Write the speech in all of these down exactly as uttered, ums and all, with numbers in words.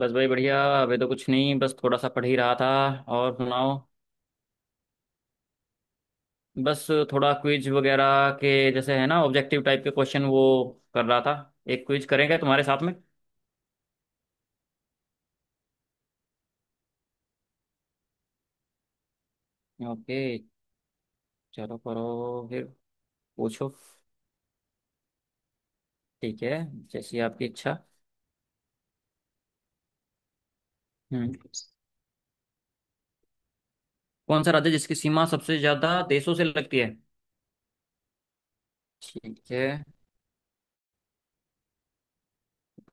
बस भाई बढ़िया। अभी तो कुछ नहीं, बस थोड़ा सा पढ़ ही रहा था। और सुनाओ। बस, थोड़ा क्विज वगैरह के जैसे है ना, ऑब्जेक्टिव टाइप के क्वेश्चन, वो कर रहा था। एक क्विज करेंगे तुम्हारे साथ में। ओके। चलो करो फिर। पूछो। ठीक है, जैसी आपकी इच्छा। हम्म। कौन सा राज्य जिसकी सीमा सबसे ज्यादा देशों से लगती है। ठीक है,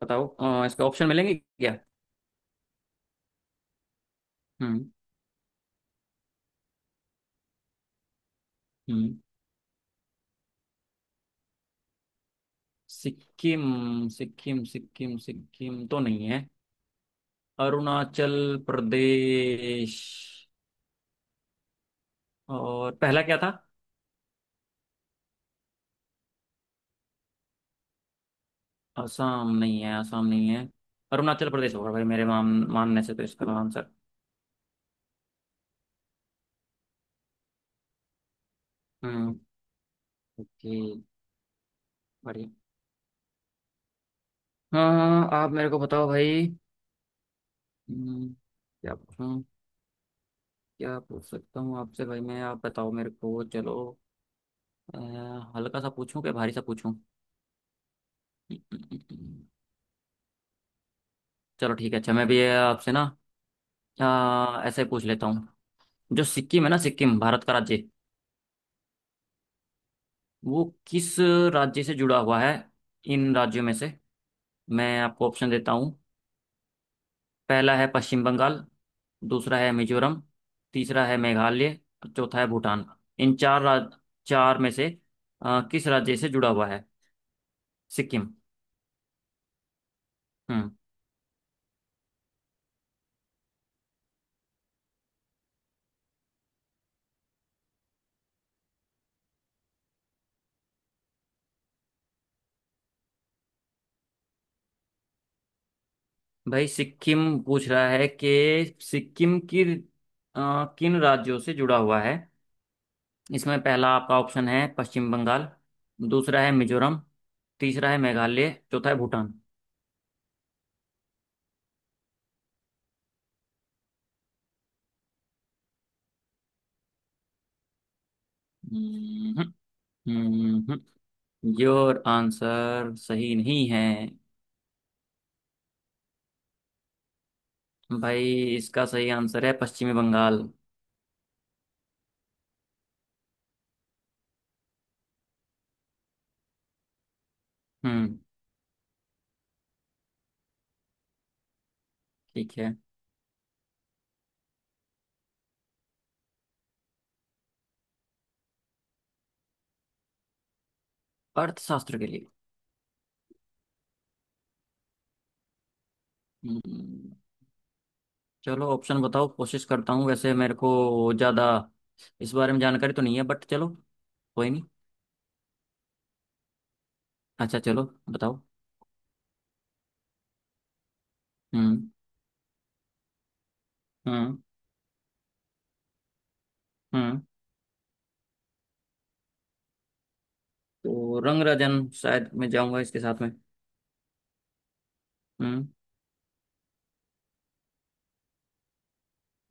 बताओ। अ, इसके ऑप्शन मिलेंगे क्या? हम्म। हम्म। सिक्किम, सिक्किम, सिक्किम, सिक्किम तो नहीं है। अरुणाचल प्रदेश। और पहला क्या था? असम नहीं है, असम नहीं है। अरुणाचल प्रदेश होगा भाई, मेरे मान मानने से तो, इसका आंसर। हम्म। ओके। बढ़िया। हाँ हाँ, हाँ, आप मेरे को बताओ भाई। हम्म, क्या पूछूं? क्या पूछ सकता हूँ आपसे भाई मैं? आप बताओ मेरे को, चलो। अ, हल्का सा पूछूं क्या भारी सा पूछूं? चलो ठीक है। अच्छा, मैं भी आपसे ना, अ, ऐसे ही पूछ लेता हूँ। जो सिक्किम है ना, सिक्किम भारत का राज्य, वो किस राज्य से जुड़ा हुआ है इन राज्यों में से? मैं आपको ऑप्शन देता हूँ। पहला है पश्चिम बंगाल, दूसरा है मिजोरम, तीसरा है मेघालय और चौथा है भूटान। इन चार राज चार में से अ, किस राज्य से जुड़ा हुआ है सिक्किम? हम्म। भाई सिक्किम पूछ रहा है कि सिक्किम की अ, किन राज्यों से जुड़ा हुआ है। इसमें पहला आपका ऑप्शन है पश्चिम बंगाल, दूसरा है मिजोरम, तीसरा है मेघालय, चौथा है भूटान। हम्म। हम्म योर आंसर सही नहीं है भाई। इसका सही आंसर है पश्चिमी बंगाल। हम्म। ठीक है। अर्थशास्त्र के लिए। हम्म, चलो, ऑप्शन बताओ, कोशिश करता हूँ। वैसे मेरे को ज़्यादा इस बारे में जानकारी तो नहीं है, बट चलो। कोई नहीं। अच्छा, चलो बताओ। हम्म। हम्म। हम्म तो रंग राजन शायद मैं जाऊंगा इसके साथ में। हम्म।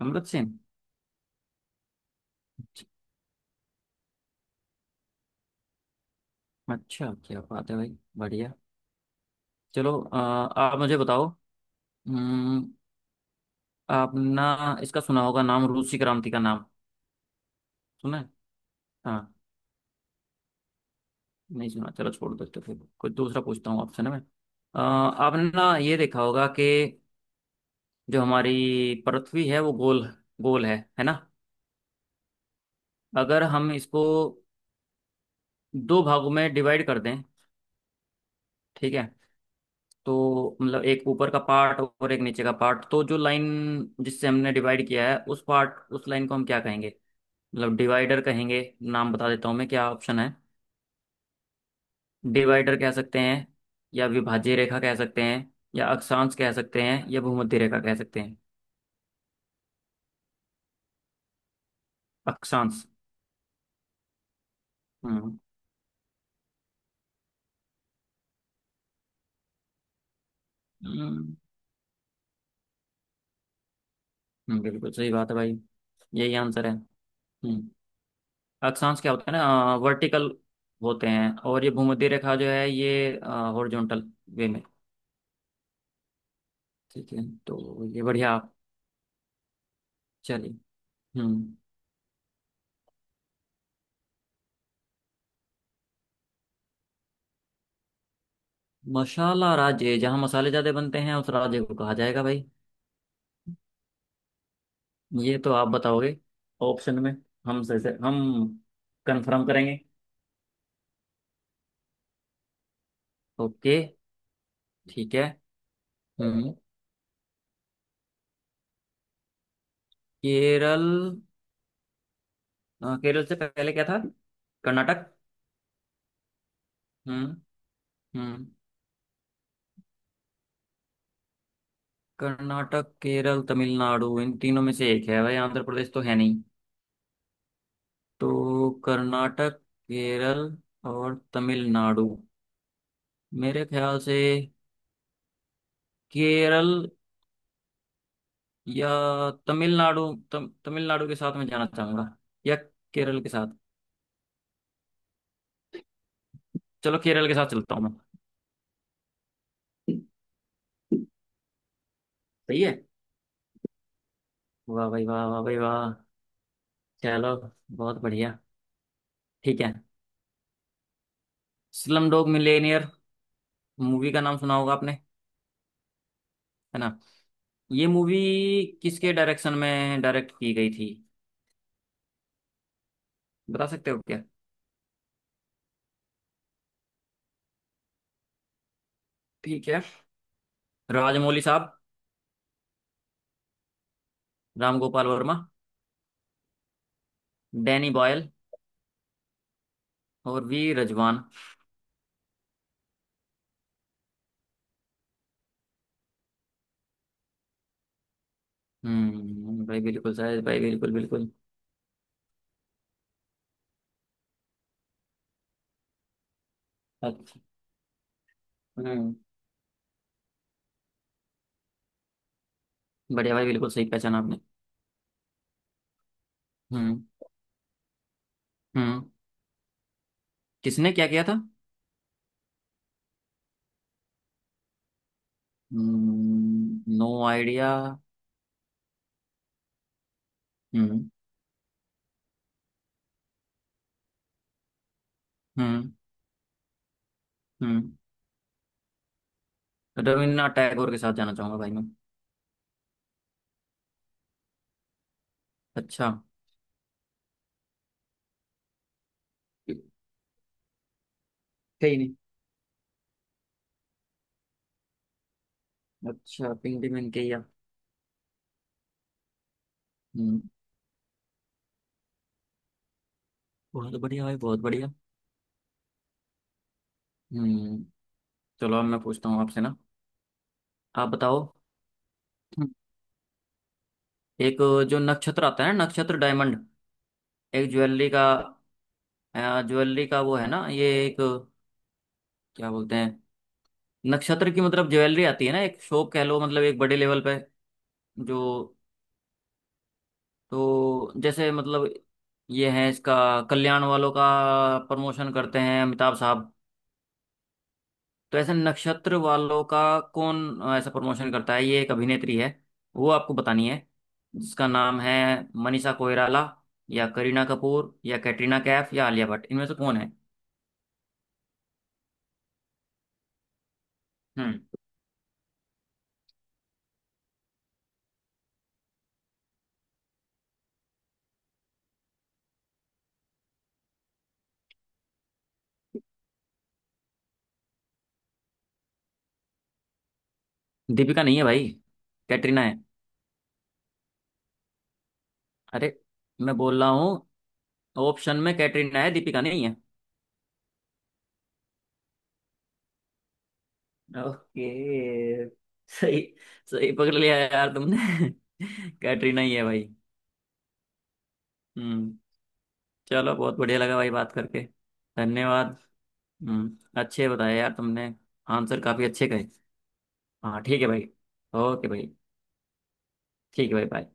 अमृत सिंह। अच्छा, क्या बात है भाई, बढ़िया। चलो, अ, आप मुझे बताओ। हम्म। आपने इसका सुना होगा नाम, रूसी क्रांति का नाम। सुना है? हाँ। नहीं सुना, चलो छोड़ देते, फिर कुछ दूसरा पूछता हूँ आपसे ना मैं। अ, आपने ना ये देखा होगा कि जो हमारी पृथ्वी है वो गोल गोल है है ना? अगर हम इसको दो भागों में डिवाइड कर दें, ठीक है? तो मतलब एक ऊपर का पार्ट और एक नीचे का पार्ट, तो जो लाइन जिससे हमने डिवाइड किया है, उस पार्ट उस लाइन को हम क्या कहेंगे, मतलब डिवाइडर कहेंगे नाम बता देता हूँ मैं, क्या ऑप्शन है। डिवाइडर कह सकते हैं, या विभाज्य रेखा कह सकते हैं, या अक्षांश कह सकते हैं, या भूमध्य रेखा कह सकते हैं। अक्षांश। हम्म। हम्म। हम्म, बिल्कुल सही बात है भाई। यही आंसर है। हम्म। अक्षांश क्या होता है ना, वर्टिकल होते हैं, और ये भूमध्य रेखा जो है, ये हॉरिजॉन्टल वे में। ठीक है, तो ये बढ़िया आप। चलिए। हम्म। मसाला राज्य जहाँ मसाले ज्यादा बनते हैं, उस राज्य को कहा जाएगा भाई। ये तो आप बताओगे, ऑप्शन में, हम से, से हम कंफर्म करेंगे। ओके। ठीक है। हम्म। केरल। अ, केरल से पहले क्या था? कर्नाटक। हम्म। हम्म। कर्नाटक, केरल, तमिलनाडु, इन तीनों में से एक है भाई। आंध्र प्रदेश तो है नहीं। तो कर्नाटक, केरल और तमिलनाडु, मेरे ख्याल से केरल, या तमिलनाडु। तम, तमिलनाडु के साथ मैं जाना चाहूंगा, या केरल के साथ। चलो, केरल के साथ चलता हूँ मैं। सही है। वाह भाई वाह, वाह भाई वाह। चलो, बहुत बढ़िया। ठीक है। स्लम डॉग मिलियनेयर मूवी का नाम सुना होगा आपने, है ना? ये मूवी किसके डायरेक्शन में डायरेक्ट की गई थी, बता सकते हो क्या? ठीक है। राजमौली साहब, राम गोपाल वर्मा, डैनी बॉयल और वी रजवान। हम्म। भाई बिल्कुल सही, भाई बिल्कुल बिल्कुल। अच्छा। हम्म। बढ़िया भाई, बिल्कुल सही पहचाना आपने। हम्म। हम्म। किसने क्या किया था? हम्म नो आइडिया। हम्म। हम्म। हम्म रविन्द्रनाथ टैगोर के साथ जाना चाहूंगा भाई मैं। अच्छा। सही। अच्छा, पिंक डिमन के या? हम्म। बहुत बढ़िया भाई, बहुत बढ़िया। हम्म। चलो अब मैं पूछता हूँ आपसे ना, आप बताओ। हम्म, एक जो नक्षत्र आता है ना, नक्षत्र डायमंड, एक ज्वेलरी का, अ, ज्वेलरी का वो है ना, ये एक क्या बोलते हैं, नक्षत्र की, मतलब ज्वेलरी आती है ना, एक शॉप कह लो, मतलब एक बड़े लेवल पे जो, तो जैसे मतलब ये है इसका, कल्याण वालों का प्रमोशन करते हैं अमिताभ साहब, तो ऐसे नक्षत्र वालों का कौन अ, ऐसा प्रमोशन करता है, ये एक अभिनेत्री है, वो आपको बतानी है, जिसका नाम है मनीषा कोइराला, या करीना कपूर या कैटरीना कैफ या आलिया भट्ट, इनमें से कौन है? हम्म दीपिका नहीं है भाई, कैटरीना है। अरे, मैं बोल रहा हूँ, ऑप्शन में कैटरीना है, दीपिका नहीं है। ओके। सही, सही पकड़ लिया यार तुमने। कैटरीना ही है भाई। हम्म। चलो, बहुत बढ़िया लगा भाई बात करके। धन्यवाद। हम्म अच्छे बताए यार तुमने। आंसर काफी अच्छे कहे। हाँ ठीक है भाई। ओके भाई। ठीक है भाई, बाय।